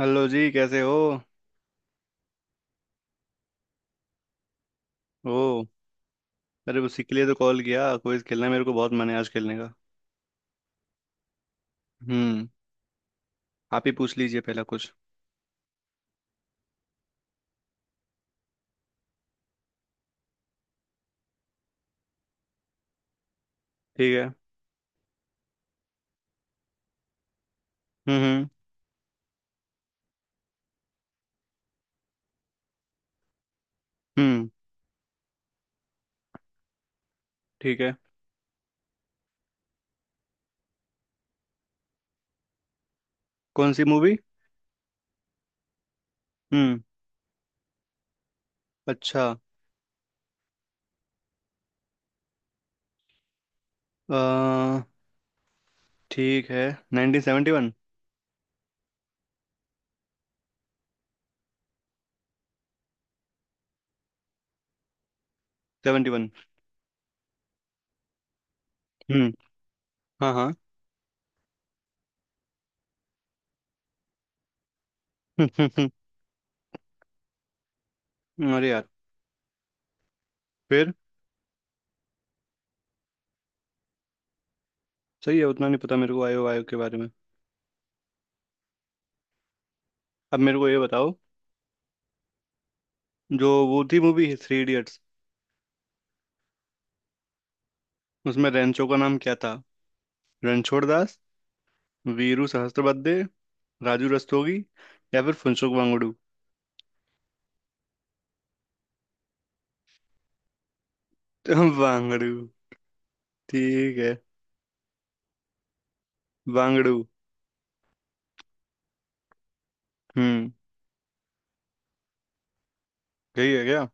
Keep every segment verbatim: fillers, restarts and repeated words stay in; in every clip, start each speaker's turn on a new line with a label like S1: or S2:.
S1: Hello जी, कैसे हो। ओ, अरे उसी के लिए तो कॉल किया, क्विज खेलना है, मेरे को बहुत मन है आज खेलने का। हम्म। आप ही पूछ लीजिए पहला कुछ। ठीक है। हम्म। हम्म। हम्म, ठीक है। कौन सी मूवी। हम्म। अच्छा। अ, ठीक है। Nineteen seventy one. Seventy one. हम्म। हाँ हाँ। अरे यार, फिर सही है, उतना नहीं पता मेरे को आयो आयो के बारे में। अब मेरे को ये बताओ, जो वो थी मूवी थ्री इडियट्स, उसमें रेंचो का नाम क्या था। रणछोड़ दास, वीरू सहस्त्रबुद्धे, राजू रस्तोगी, या फिर फुनसुक वांगड़ू। वांगड़ू। ठीक है, वांगड़ू। हम्म। यही है क्या।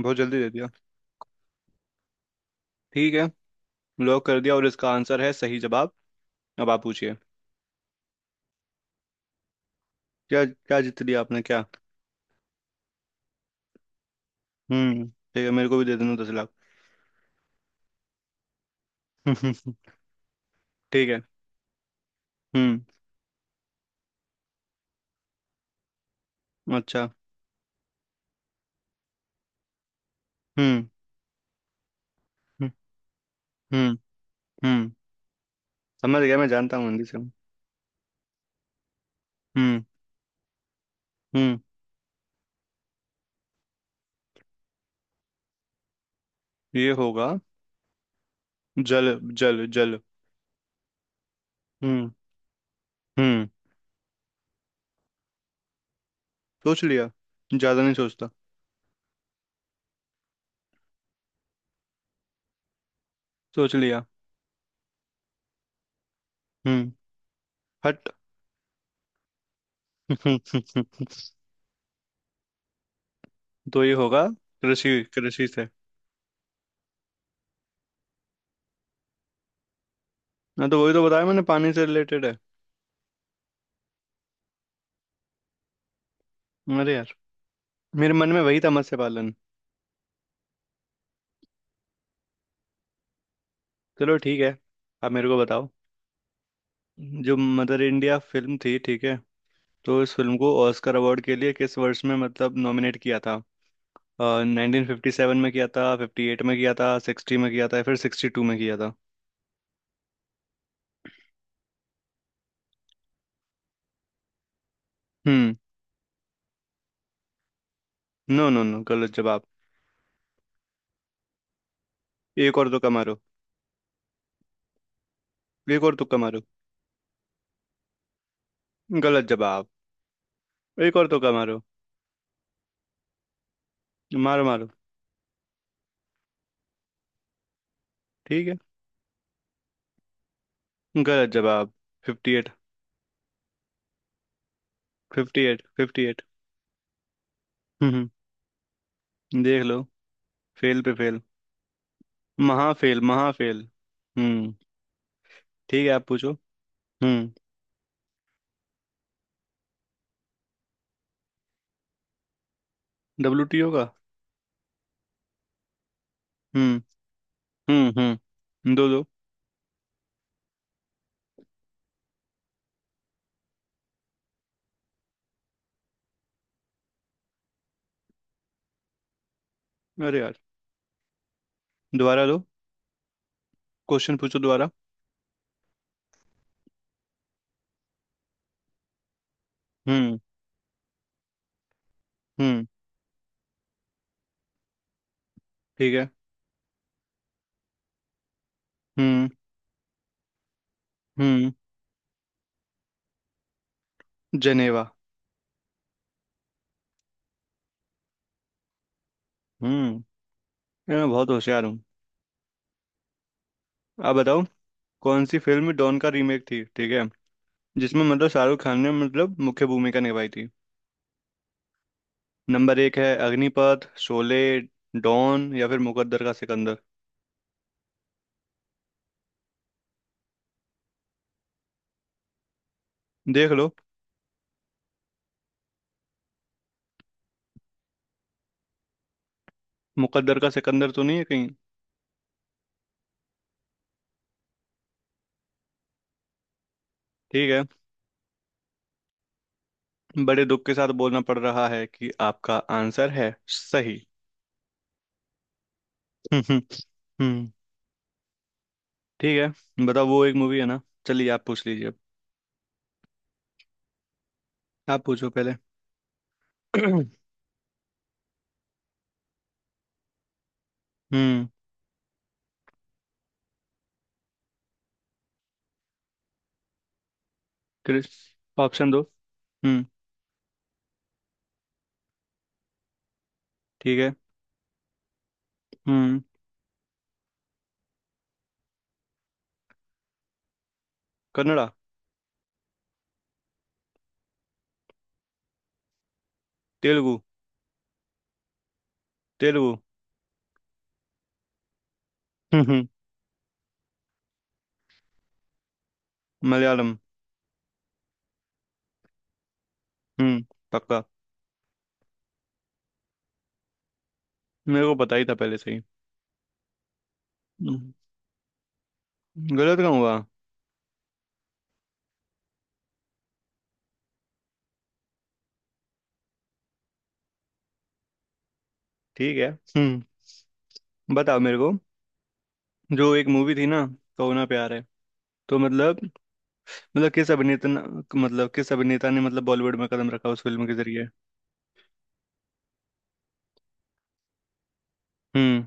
S1: बहुत जल्दी दे दिया। ठीक है, लॉक कर दिया, और इसका आंसर है सही जवाब। अब आप पूछिए। क्या क्या जीत लिया आपने, क्या। हम्म। ठीक है, मेरे को भी दे देना दस लाख। ठीक है। हम्म। अच्छा। हम्म। हम्म। हम्म। हम्म, समझ गया, मैं जानता हूँ हिंदी से। हम्म। हम्म। ये होगा, जल। जल जल। हम्म। हम्म। सोच लिया, ज्यादा नहीं सोचता। सोच लिया। हम्म। हट। तो ये होगा कृषि, कृषि से। ना, तो वही तो बताया मैंने, पानी से रिलेटेड है। अरे यार, मेरे मन में वही था, मत्स्य पालन। चलो ठीक है, आप मेरे को बताओ। जो मदर इंडिया फिल्म थी, ठीक है, तो इस फिल्म को ऑस्कर अवार्ड के लिए किस वर्ष में मतलब नॉमिनेट किया था। नाइनटीन फिफ्टी सेवन में किया था, फिफ्टी एट में किया था, सिक्सटी में किया था, या फिर सिक्सटी टू में किया था। हम्म। नो नो नो, गलत जवाब। एक और तुक्का मारो। एक और तुक्का मारो। गलत जवाब। एक और तुक्का मारो। मारो मारो। ठीक है। गलत जवाब। Fifty eight. Fifty eight fifty eight. हम्म। देख लो। फेल पे फेल। महाफेल महाफेल। हम्म। ठीक है, आप पूछो। हम्म। डब्ल्यू टी ओ का। हम्म। हम्म। हम्म, दो दो। अरे यार, दोबारा दो, क्वेश्चन पूछो दोबारा। हम्म। हम्म। ठीक है। हम्म। हम्म। जनेवा। हम्म, यार मैं बहुत होशियार हूँ। आप बताओ, कौन सी फिल्म डॉन का रीमेक थी, ठीक है, जिसमें मतलब शाहरुख खान ने मतलब मुख्य भूमिका निभाई थी। नंबर एक है, अग्निपथ, शोले, डॉन, या फिर मुकद्दर का सिकंदर। देख लो। मुकद्दर का सिकंदर तो नहीं है कहीं। ठीक है। बड़े दुख के साथ बोलना पड़ रहा है कि आपका आंसर है सही। हम्म। हम्म, ठीक है, बताओ, वो एक मूवी है ना। चलिए आप पूछ लीजिए अब। आप पूछो पहले। हम्म। क्रिस। ऑप्शन दो। हम्म। ठीक है। हम्म। कन्नड़ा। तेलुगु। तेलुगु। हम्म। हम्म, मलयालम। हम्म। पक्का। मेरे को पता ही था पहले से ही। हम्म, गलत कहाँ हुआ। ठीक है। हम्म। बताओ मेरे को, जो एक मूवी थी ना, कहो ना प्यार है, तो मतलब, मतलब किस अभिनेता ने- मतलब किस अभिनेता ने मतलब बॉलीवुड में कदम रखा उस फिल्म के जरिए। हम्म।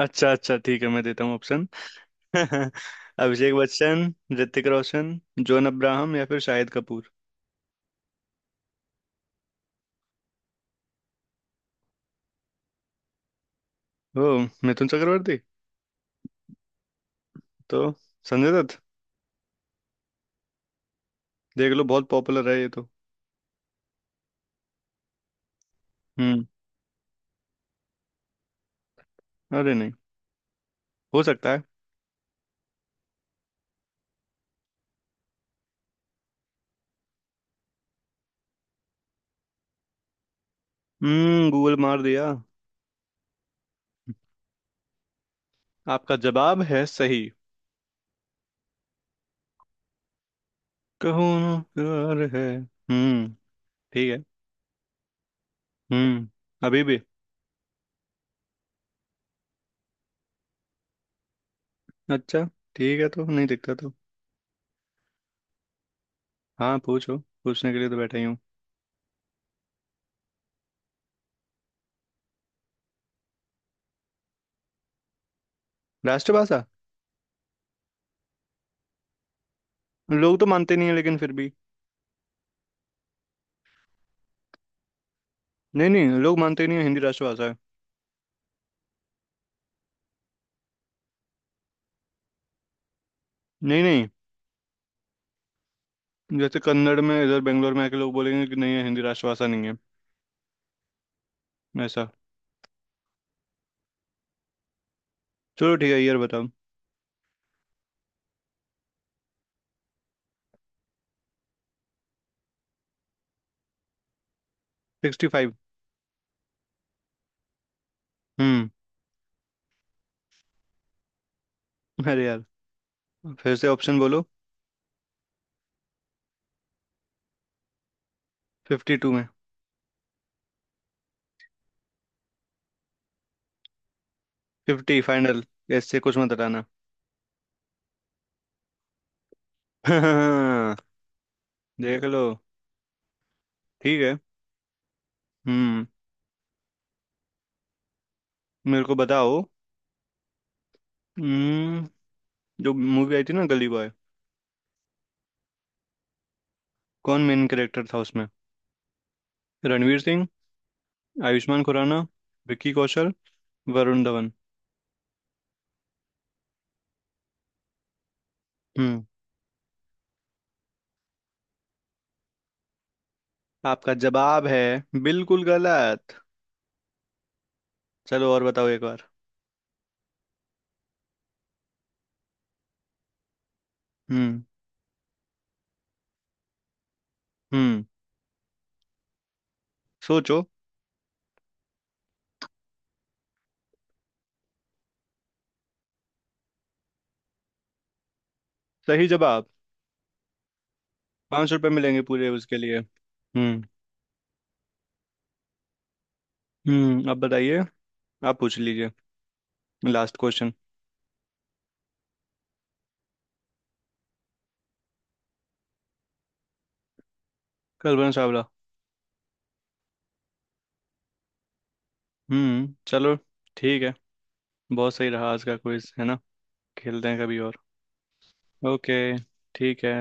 S1: अच्छा अच्छा, ठीक है, मैं देता हूँ ऑप्शन। अभिषेक बच्चन, ऋतिक रोशन, जॉन अब्राहम, या फिर शाहिद कपूर। ओ, मिथुन चक्रवर्ती। तो संजय दत्त। देख लो, बहुत पॉपुलर है ये तो। हम्म। अरे नहीं, हो सकता है। हम्म, गूगल मार दिया। आपका जवाब है सही। कहो ना प्यार है। हम्म। ठीक है। हम्म, अभी भी। अच्छा। ठीक है, तो नहीं दिखता तो। हाँ पूछो, पूछने के लिए तो बैठा ही हूँ। राष्ट्रभाषा। लोग तो मानते नहीं है, लेकिन फिर भी। नहीं नहीं, लोग मानते नहीं है हिंदी राष्ट्रभाषा है। नहीं नहीं, जैसे कन्नड़ में इधर बेंगलोर में आके लोग बोलेंगे कि नहीं है, हिंदी राष्ट्रभाषा नहीं है, ऐसा। चलो ठीक है यार, बताओ। Sixty five. हम्म। अरे यार, फिर से ऑप्शन बोलो। फिफ्टी टू में। Fifty final. ऐसे कुछ मत हटाना। हाँ, देख लो। ठीक है। हम्म। मेरे को बताओ। हम्म। जो मूवी आई थी ना, गली बॉय, कौन मेन कैरेक्टर था उसमें। रणवीर सिंह, आयुष्मान खुराना, विक्की कौशल, वरुण धवन। हम्म। आपका जवाब है बिल्कुल गलत। चलो और बताओ एक बार। हम्म। हम्म। सोचो। सही जवाब। पांच रुपए मिलेंगे पूरे उसके लिए। हम्म। हम्म, अब बताइए, आप पूछ लीजिए लास्ट क्वेश्चन। कल्पना चावला। हम्म, चलो ठीक है। बहुत सही रहा आज का क्विज, है ना। खेलते हैं कभी और। ओके ठीक है।